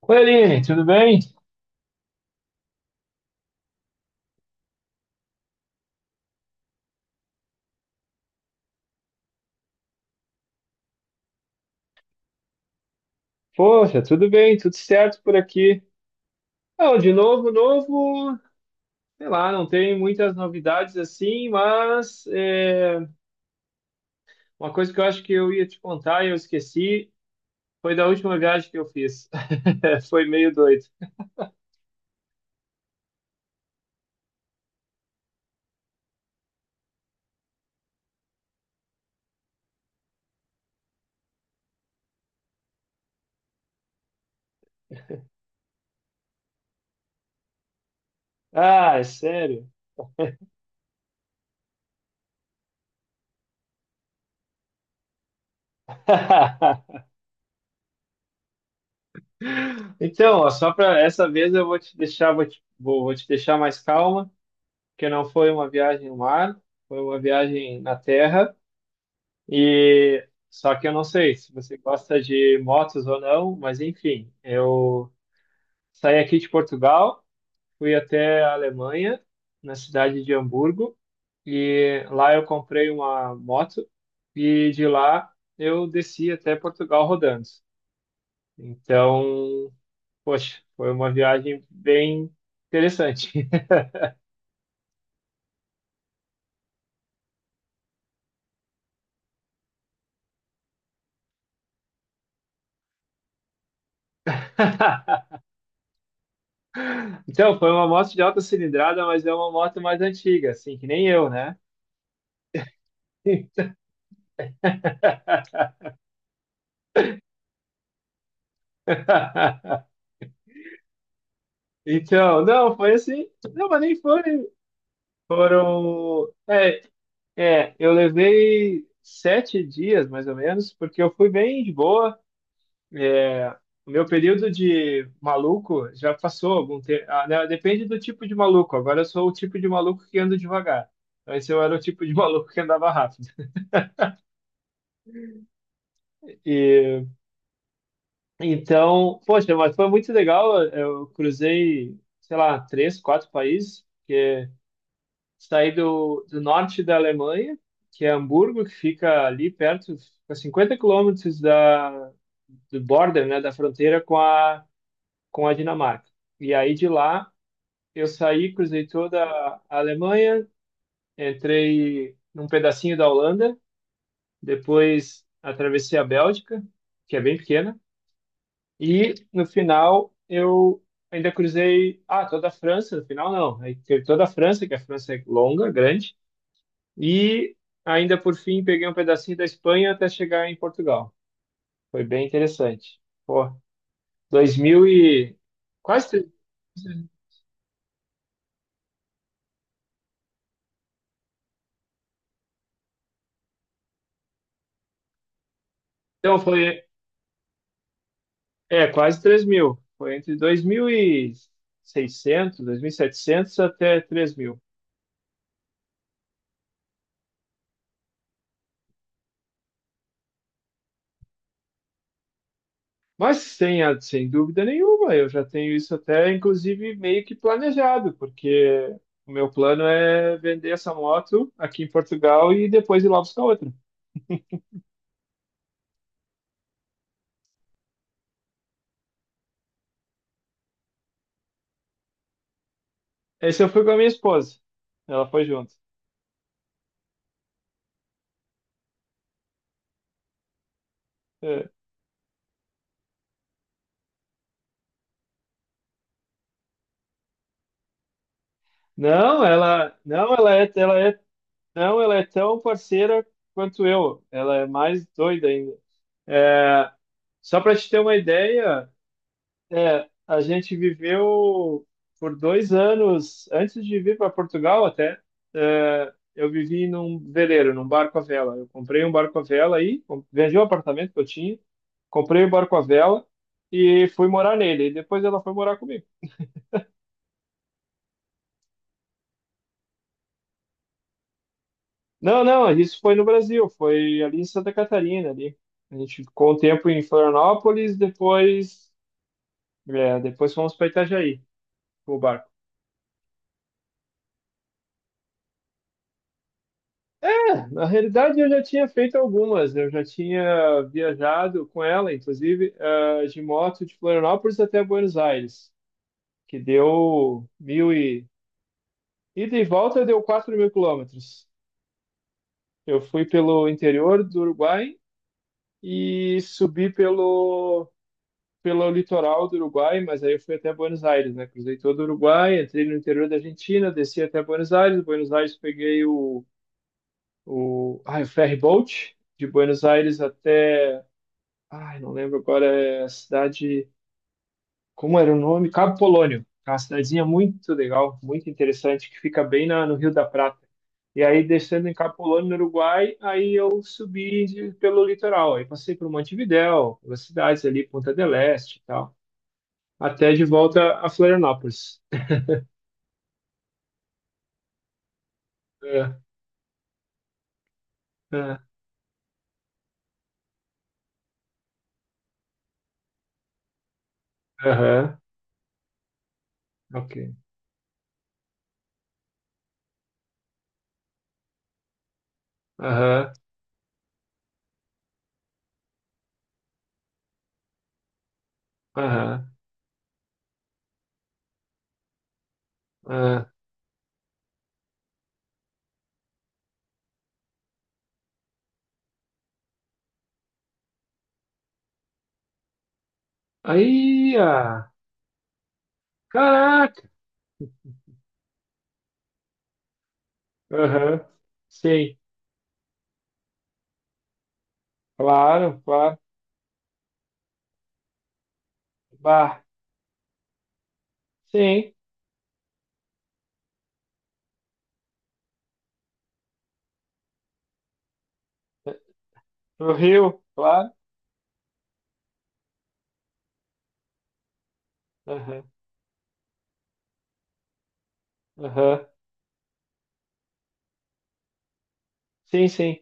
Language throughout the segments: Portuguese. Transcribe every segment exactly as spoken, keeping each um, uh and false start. Oi, Aline, tudo bem? Poxa, tudo bem, tudo certo por aqui. Não, de novo, novo, sei lá, não tem muitas novidades assim, mas é, uma coisa que eu acho que eu ia te contar e eu esqueci foi da última viagem que eu fiz. Foi meio doido. Ah, é sério? Então, ó, só para essa vez eu vou te deixar, vou te, vou, vou te deixar mais calma, porque não foi uma viagem no mar, foi uma viagem na terra. E só que eu não sei se você gosta de motos ou não, mas enfim, eu saí aqui de Portugal, fui até a Alemanha, na cidade de Hamburgo, e lá eu comprei uma moto e de lá eu desci até Portugal rodando. Então, poxa, foi uma viagem bem interessante. Então, foi uma moto de alta cilindrada, mas é uma moto mais antiga, assim, que nem eu, né? Então, não, foi assim. Não, mas nem foi. Foram. É, é, eu levei sete dias, mais ou menos, porque eu fui bem de boa. É, o meu período de maluco já passou algum tempo. Ah, né, depende do tipo de maluco. Agora eu sou o tipo de maluco que anda devagar. Antes eu era o tipo de maluco que andava rápido. E, então, poxa, mas foi muito legal. Eu cruzei, sei lá, três, quatro países. Saí do, do norte da Alemanha, que é Hamburgo, que fica ali perto, fica cinquenta quilômetros da, do border, né, da fronteira com a, com a Dinamarca. E aí de lá eu saí, cruzei toda a Alemanha, entrei num pedacinho da Holanda, depois atravessei a Bélgica, que é bem pequena, e no final eu ainda cruzei, ah, toda a França, no final não, aí teve toda a França, que a França é longa, grande. E ainda por fim peguei um pedacinho da Espanha até chegar em Portugal. Foi bem interessante. Pô, dois mil e quase tre- então foi é quase três mil. Foi entre dois mil e seiscentos, setecentos até três mil. Mas sem, a- sem dúvida nenhuma, eu já tenho isso até inclusive meio que planejado, porque o meu plano é vender essa moto aqui em Portugal e depois ir lá buscar outra. Esse eu fui com a minha esposa. Ela foi junto. É. Não, ela, não, ela é, ela é, não, ela é tão parceira quanto eu. Ela é mais doida ainda. É, só para te ter uma ideia, é, a gente viveu por dois anos antes de vir para Portugal até. É, eu vivi num veleiro, num barco à vela. Eu comprei um barco à vela aí, com- vendi o apartamento que eu tinha, comprei o barco à vela e fui morar nele. E depois ela foi morar comigo. Não, não, isso foi no Brasil, foi ali em Santa Catarina, ali. A gente ficou um tempo em Florianópolis, depois, é, depois fomos para Itajaí, com o barco. É, na realidade, eu já tinha feito algumas, eu já tinha viajado com ela, inclusive, eh, de moto de Florianópolis até Buenos Aires, que deu mil e... Ida e volta deu quatro mil quilômetros. Eu fui pelo interior do Uruguai e subi pelo pelo litoral do Uruguai, mas aí eu fui até Buenos Aires, né? Cruzei todo o Uruguai, entrei no interior da Argentina, desci até Buenos Aires. Buenos Aires peguei o, o, ah, o ferry boat de Buenos Aires até, ai, não lembro agora, é a cidade, como era o nome? Cabo Polônio. É uma cidadezinha muito legal, muito interessante, que fica bem na, no Rio da Prata. E aí, descendo em Cabo Polônio, no Uruguai, aí eu subi de- pelo litoral. Aí passei por Montevidéu, pelas cidades ali, Punta del Este e tal. Até de volta a Florianópolis. É, é, Aham, ok. Aham, aham, aham. Aí, ah, caraca! Aham, sim, claro, claro. Bah, sim. No Rio, claro. Aham, aham. Sim, sim,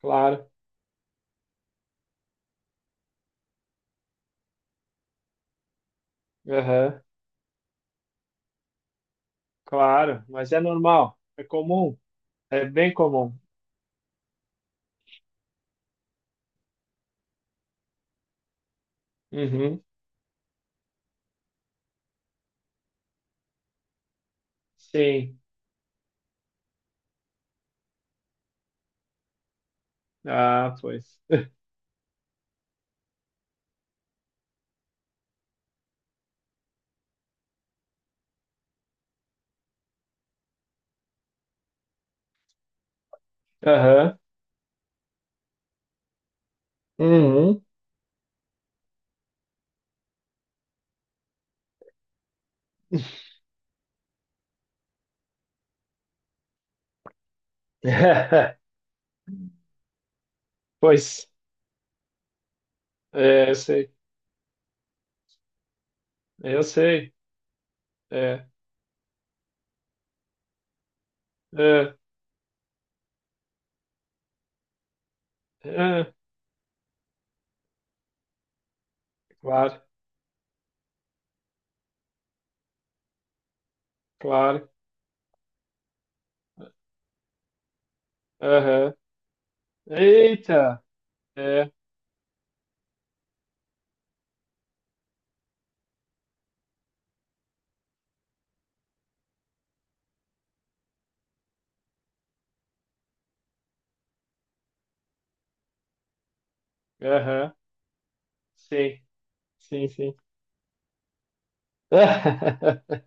claro. Aham, claro. Mas é normal, é comum, é bem comum. Uhum, sim. Ah, pois. Aham, uhum. Pois, é, eu sei. Eu sei. É, é, é, claro, claro. Aham. Eita! É, aham. Sim, sim, sim.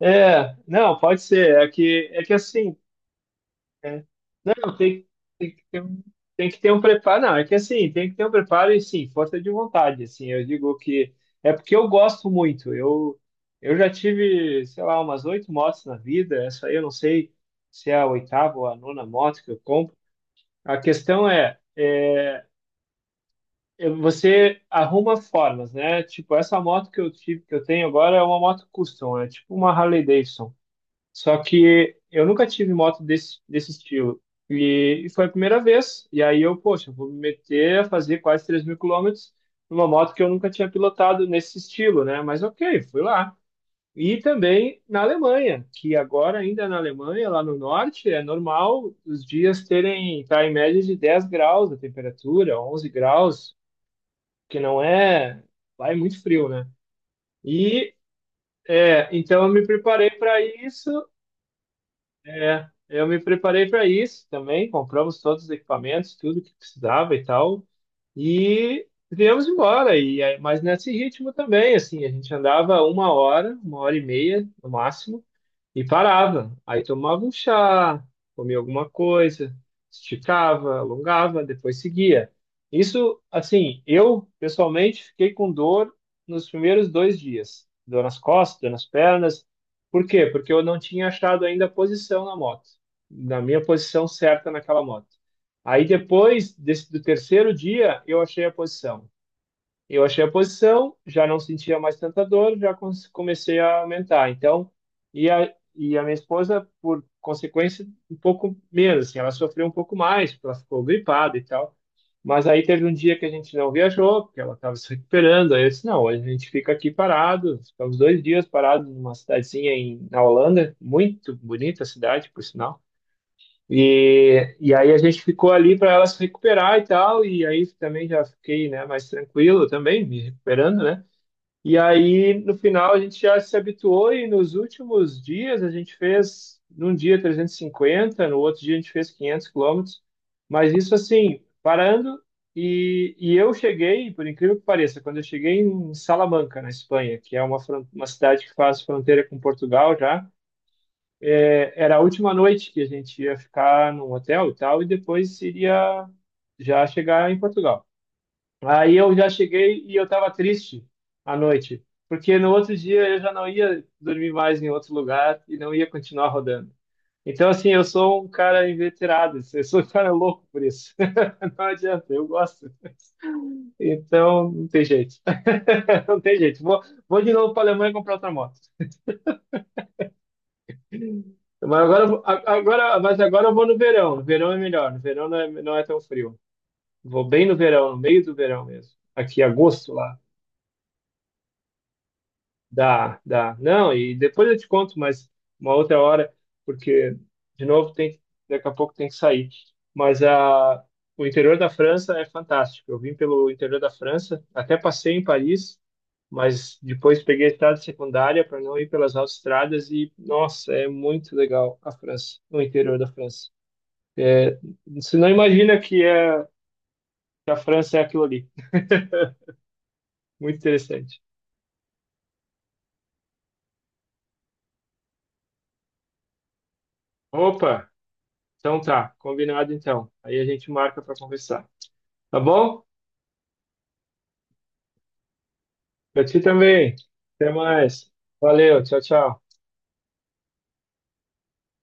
É, não, pode ser. É que, é que assim, é. Não, tem, tem que ter um, tem que ter um preparo. Não, é que assim, tem que ter um preparo e sim, força de vontade. Assim, eu digo que é porque eu gosto muito. Eu, eu já tive, sei lá, umas oito motos na vida. Essa aí eu não sei se é a oitava ou a nona moto que eu compro. A questão é, é, é, você arruma formas, né? Tipo, essa moto que eu tive, que eu tenho agora é uma moto custom, é tipo uma Harley Davidson. Só que eu nunca tive moto desse, desse estilo. E, e foi a primeira vez. E aí eu, poxa, vou me meter a fazer quase três mil quilômetros numa moto que eu nunca tinha pilotado nesse estilo, né? Mas ok, fui lá. E também na Alemanha, que agora ainda na Alemanha, lá no norte, é normal os dias terem, tá em média de dez graus a temperatura, onze graus, que não é, lá é muito frio, né? E é, então eu me preparei para isso, é, eu me preparei para isso também, compramos todos os equipamentos, tudo que precisava e tal, e viemos embora. E aí- mas nesse ritmo também, assim, a gente andava uma hora, uma hora e meia no máximo. E parava. Aí tomava um chá, comia alguma coisa, esticava, alongava, depois seguia. Isso, assim, eu pessoalmente fiquei com dor nos primeiros dois dias. Dor nas costas, dor nas pernas. Por quê? Porque eu não tinha achado ainda a posição na moto, na minha posição certa naquela moto. Aí depois desse, do terceiro dia, eu achei a posição. Eu achei a posição, já não sentia mais tanta dor, já con- comecei a aumentar. Então, e a, e a minha esposa, por consequência, um pouco menos, assim, ela sofreu um pouco mais, porque ela ficou gripada e tal. Mas aí teve um dia que a gente não viajou, porque ela estava se recuperando. Aí eu disse: não, hoje a gente fica aqui parado. Ficamos dois dias parados numa cidadezinha em, na Holanda, muito bonita a cidade, por sinal. E, e aí a gente ficou ali para ela se recuperar e tal, e aí também já fiquei, né, mais tranquilo também, me recuperando, né? E aí no final a gente já se habituou e nos últimos dias a gente fez num dia trezentos e cinquenta, no outro dia a gente fez quinhentos quilômetros, mas isso assim, parando e, e eu cheguei, por incrível que pareça, quando eu cheguei em Salamanca, na Espanha, que é uma, fron- uma cidade que faz fronteira com Portugal já, é, era a última noite que a gente ia ficar num hotel e tal, e depois iria já chegar em Portugal. Aí eu já cheguei e eu estava triste à noite, porque no outro dia eu já não ia dormir mais em outro lugar e não ia continuar rodando. Então, assim, eu sou um cara inveterado, assim, eu sou um cara louco por isso. Não adianta, eu gosto. Então, não tem jeito. Não tem jeito. Vou, vou de novo para a Alemanha comprar outra moto. Mas agora, eu vou- a- agora, mas agora eu vou no verão. No verão é melhor. No verão não é, não é tão frio. Vou bem no verão, no meio do verão mesmo. Aqui, agosto lá. Dá, dá. Não, e depois eu te conto, mas uma outra hora, porque, de novo, tem, que- daqui a pouco tem que sair. Mas a, o interior da França é fantástico. Eu vim pelo interior da França, até passei em Paris, mas depois peguei a estrada secundária para não ir pelas autoestradas e, nossa, é muito legal a França, o interior da França. É, você não imagina que, é, que a França é aquilo ali. Muito interessante. Opa! Então tá, combinado então. Aí a gente marca para conversar. Tá bom? Pra ti também. Até mais. Valeu, tchau, tchau.